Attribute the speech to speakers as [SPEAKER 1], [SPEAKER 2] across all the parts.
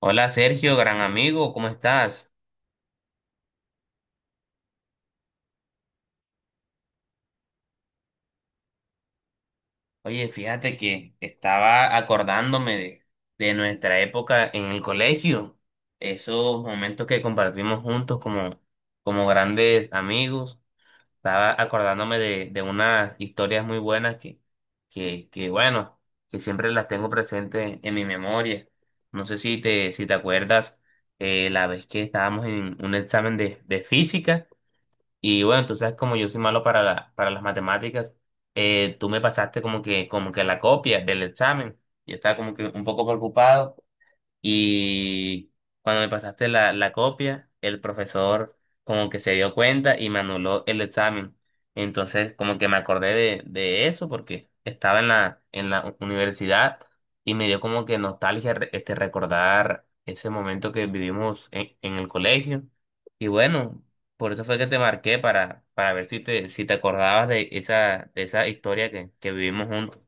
[SPEAKER 1] Hola Sergio, gran amigo, ¿cómo estás? Oye, fíjate que estaba acordándome de nuestra época en el colegio, esos momentos que compartimos juntos como grandes amigos. Estaba acordándome de unas historias muy buenas bueno, que siempre las tengo presentes en mi memoria. No sé si si te acuerdas la vez que estábamos en un examen de física. Y bueno, entonces como yo soy malo para para las matemáticas, tú me pasaste como que la copia del examen. Yo estaba como que un poco preocupado y cuando me pasaste la copia, el profesor como que se dio cuenta y me anuló el examen. Entonces como que me acordé de eso porque estaba en en la universidad y me dio como que nostalgia este, recordar ese momento que vivimos en el colegio. Y bueno, por eso fue que te marqué para ver si si te acordabas de de esa historia que vivimos juntos.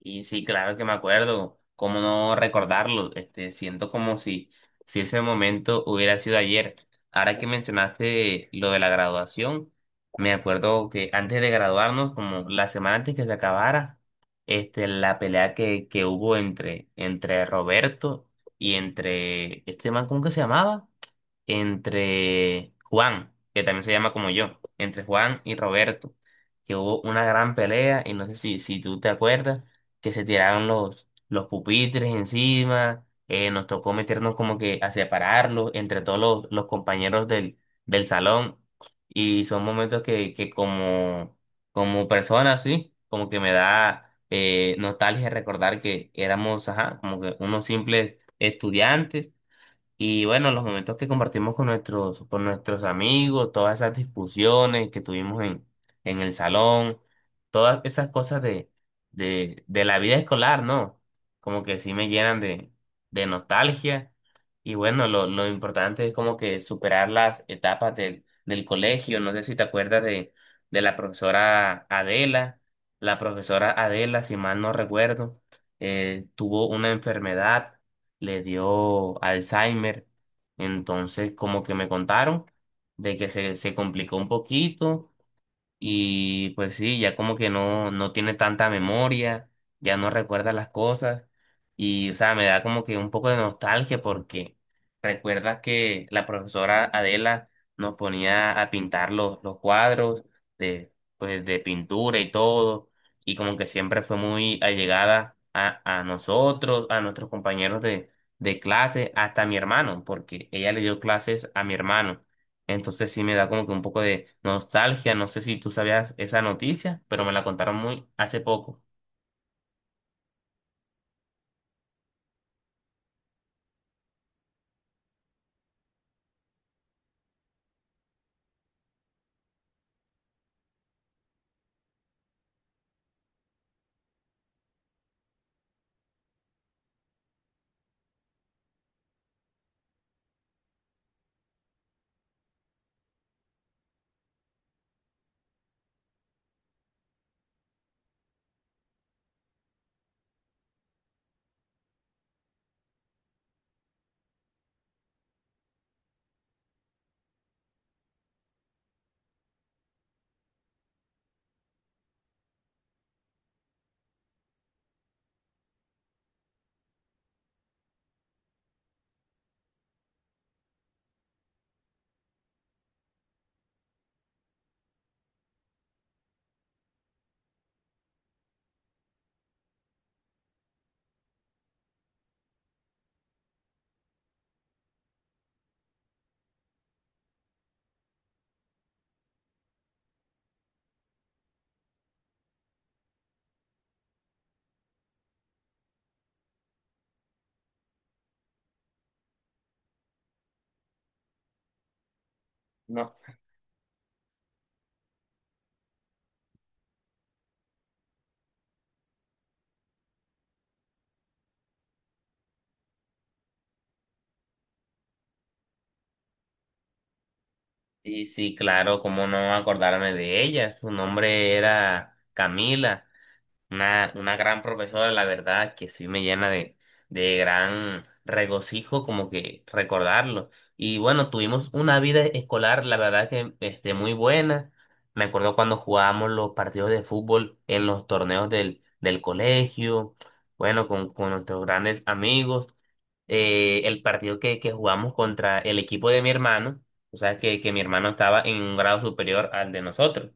[SPEAKER 1] Y sí, claro que me acuerdo, cómo no recordarlo, este, siento como si, si ese momento hubiera sido ayer. Ahora que mencionaste lo de la graduación, me acuerdo que antes de graduarnos, como la semana antes que se acabara, este, la pelea que hubo entre, entre Roberto y entre este man, ¿cómo que se llamaba? Entre Juan, que también se llama como yo, entre Juan y Roberto, que hubo una gran pelea, y no sé si, si tú te acuerdas, que se tiraron los pupitres encima, nos tocó meternos como que a separarlos entre todos los compañeros del salón, y son momentos que como, como persona, sí, como que me da... nostalgia recordar que éramos, ajá, como que unos simples estudiantes y bueno, los momentos que compartimos con nuestros amigos, todas esas discusiones que tuvimos en el salón, todas esas cosas de la vida escolar, ¿no? Como que sí me llenan de nostalgia. Y bueno, lo importante es como que superar las etapas del colegio. No sé si te acuerdas de la profesora Adela. La profesora Adela, si mal no recuerdo, tuvo una enfermedad, le dio Alzheimer. Entonces, como que me contaron de que se complicó un poquito y pues sí, ya como que no, no tiene tanta memoria, ya no recuerda las cosas. Y, o sea, me da como que un poco de nostalgia porque recuerdas que la profesora Adela nos ponía a pintar los cuadros de, pues, de pintura y todo. Y como que siempre fue muy allegada a nosotros, a nuestros compañeros de clase, hasta a mi hermano, porque ella le dio clases a mi hermano. Entonces sí me da como que un poco de nostalgia. No sé si tú sabías esa noticia, pero me la contaron muy hace poco. Y sí, claro, cómo no acordarme de ella. Su nombre era Camila. Una gran profesora, la verdad, que sí me llena de gran regocijo como que recordarlo. Y bueno, tuvimos una vida escolar, la verdad que este, muy buena. Me acuerdo cuando jugábamos los partidos de fútbol en los torneos del colegio, bueno, con nuestros grandes amigos. El partido que jugamos contra el equipo de mi hermano, o sea, que mi hermano estaba en un grado superior al de nosotros.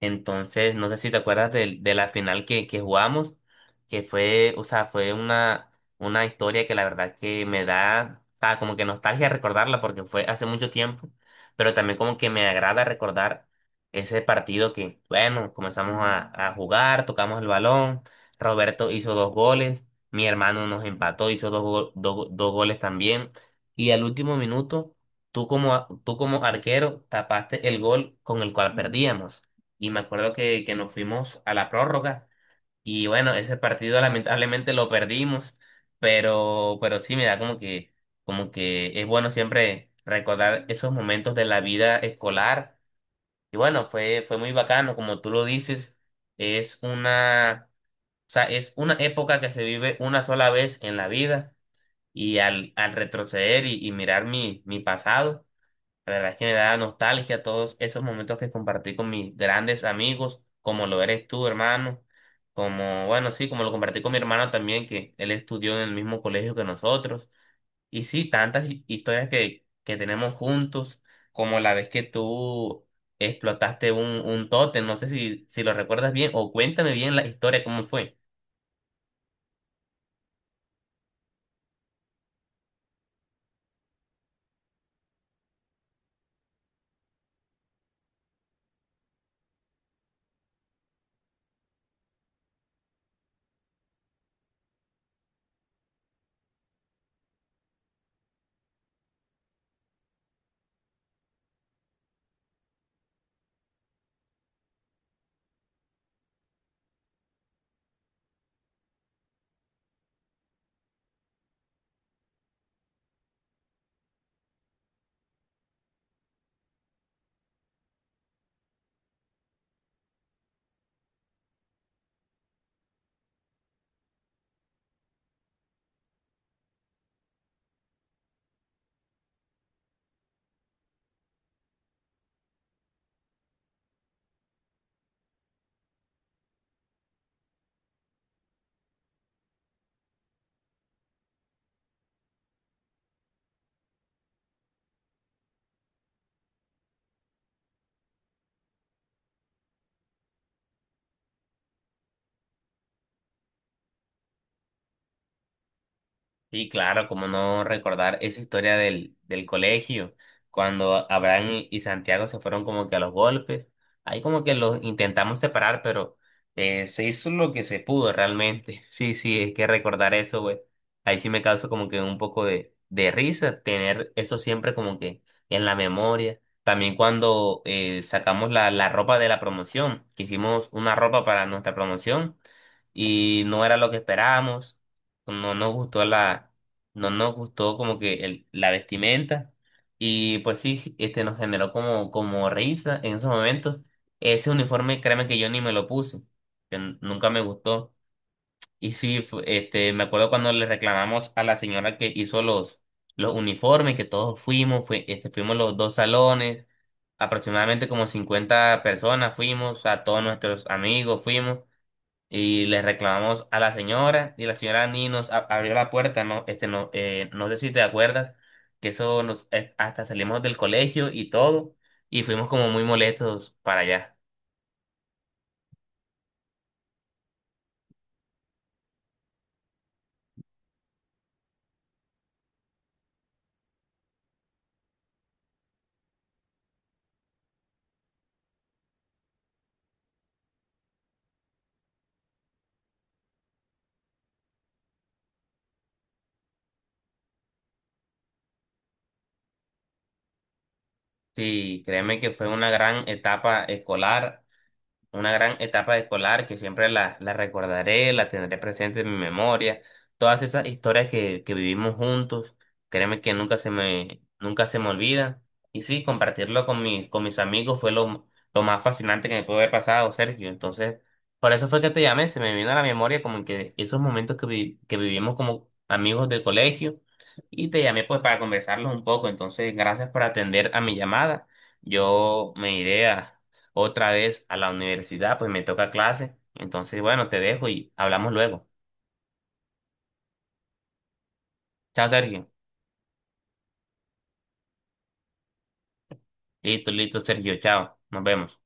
[SPEAKER 1] Entonces, no sé si te acuerdas de la final que jugamos, que fue, o sea, fue una historia que la verdad que me da, ah, como que nostalgia recordarla porque fue hace mucho tiempo, pero también como que me agrada recordar ese partido que, bueno, comenzamos a jugar, tocamos el balón, Roberto hizo dos goles, mi hermano nos empató, hizo dos goles también, y al último minuto, tú como arquero tapaste el gol con el cual perdíamos y me acuerdo que nos fuimos a la prórroga y bueno, ese partido lamentablemente lo perdimos, pero sí me da como que es bueno siempre recordar esos momentos de la vida escolar y bueno, fue, fue muy bacano, como tú lo dices, es una, o sea, es una época que se vive una sola vez en la vida y al, al retroceder y mirar mi, mi pasado. La verdad es que me da nostalgia todos esos momentos que compartí con mis grandes amigos, como lo eres tú, hermano, como, bueno, sí, como lo compartí con mi hermano también, que él estudió en el mismo colegio que nosotros. Y sí, tantas historias que tenemos juntos, como la vez que tú explotaste un tótem, no sé si, si lo recuerdas bien, o cuéntame bien la historia, cómo fue. Sí, claro, como no recordar esa historia del colegio, cuando Abraham y Santiago se fueron como que a los golpes. Ahí como que los intentamos separar, pero se hizo lo que se pudo realmente. Sí, sí, es que recordar eso, güey. Ahí sí me causa como que un poco de risa tener eso siempre como que en la memoria. También cuando sacamos la ropa de la promoción, que hicimos una ropa para nuestra promoción y no era lo que esperábamos, no nos gustó no nos gustó como que la vestimenta y pues sí, este nos generó como, como risa en esos momentos. Ese uniforme, créeme que yo ni me lo puse, que nunca me gustó. Y sí, este, me acuerdo cuando le reclamamos a la señora que hizo los uniformes, que todos fuimos, fue, este, fuimos los dos salones, aproximadamente como 50 personas fuimos, a todos nuestros amigos fuimos. Y le reclamamos a la señora y la señora ni nos abrió la puerta, ¿no? Este, no, no sé si te acuerdas, que eso nos, hasta salimos del colegio y todo, y fuimos como muy molestos para allá. Sí, créeme que fue una gran etapa escolar. Una gran etapa escolar que siempre la recordaré, la tendré presente en mi memoria. Todas esas historias que vivimos juntos, créeme que nunca se me, nunca se me olvidan. Y sí, compartirlo con mis amigos fue lo más fascinante que me pudo haber pasado, Sergio. Entonces, por eso fue que te llamé, se me vino a la memoria como que esos momentos que vivimos como amigos del colegio. Y te llamé pues para conversarlos un poco. Entonces, gracias por atender a mi llamada. Yo me iré a otra vez a la universidad, pues me toca clase. Entonces, bueno, te dejo y hablamos luego. Chao, Sergio. Listo, listo, Sergio. Chao. Nos vemos.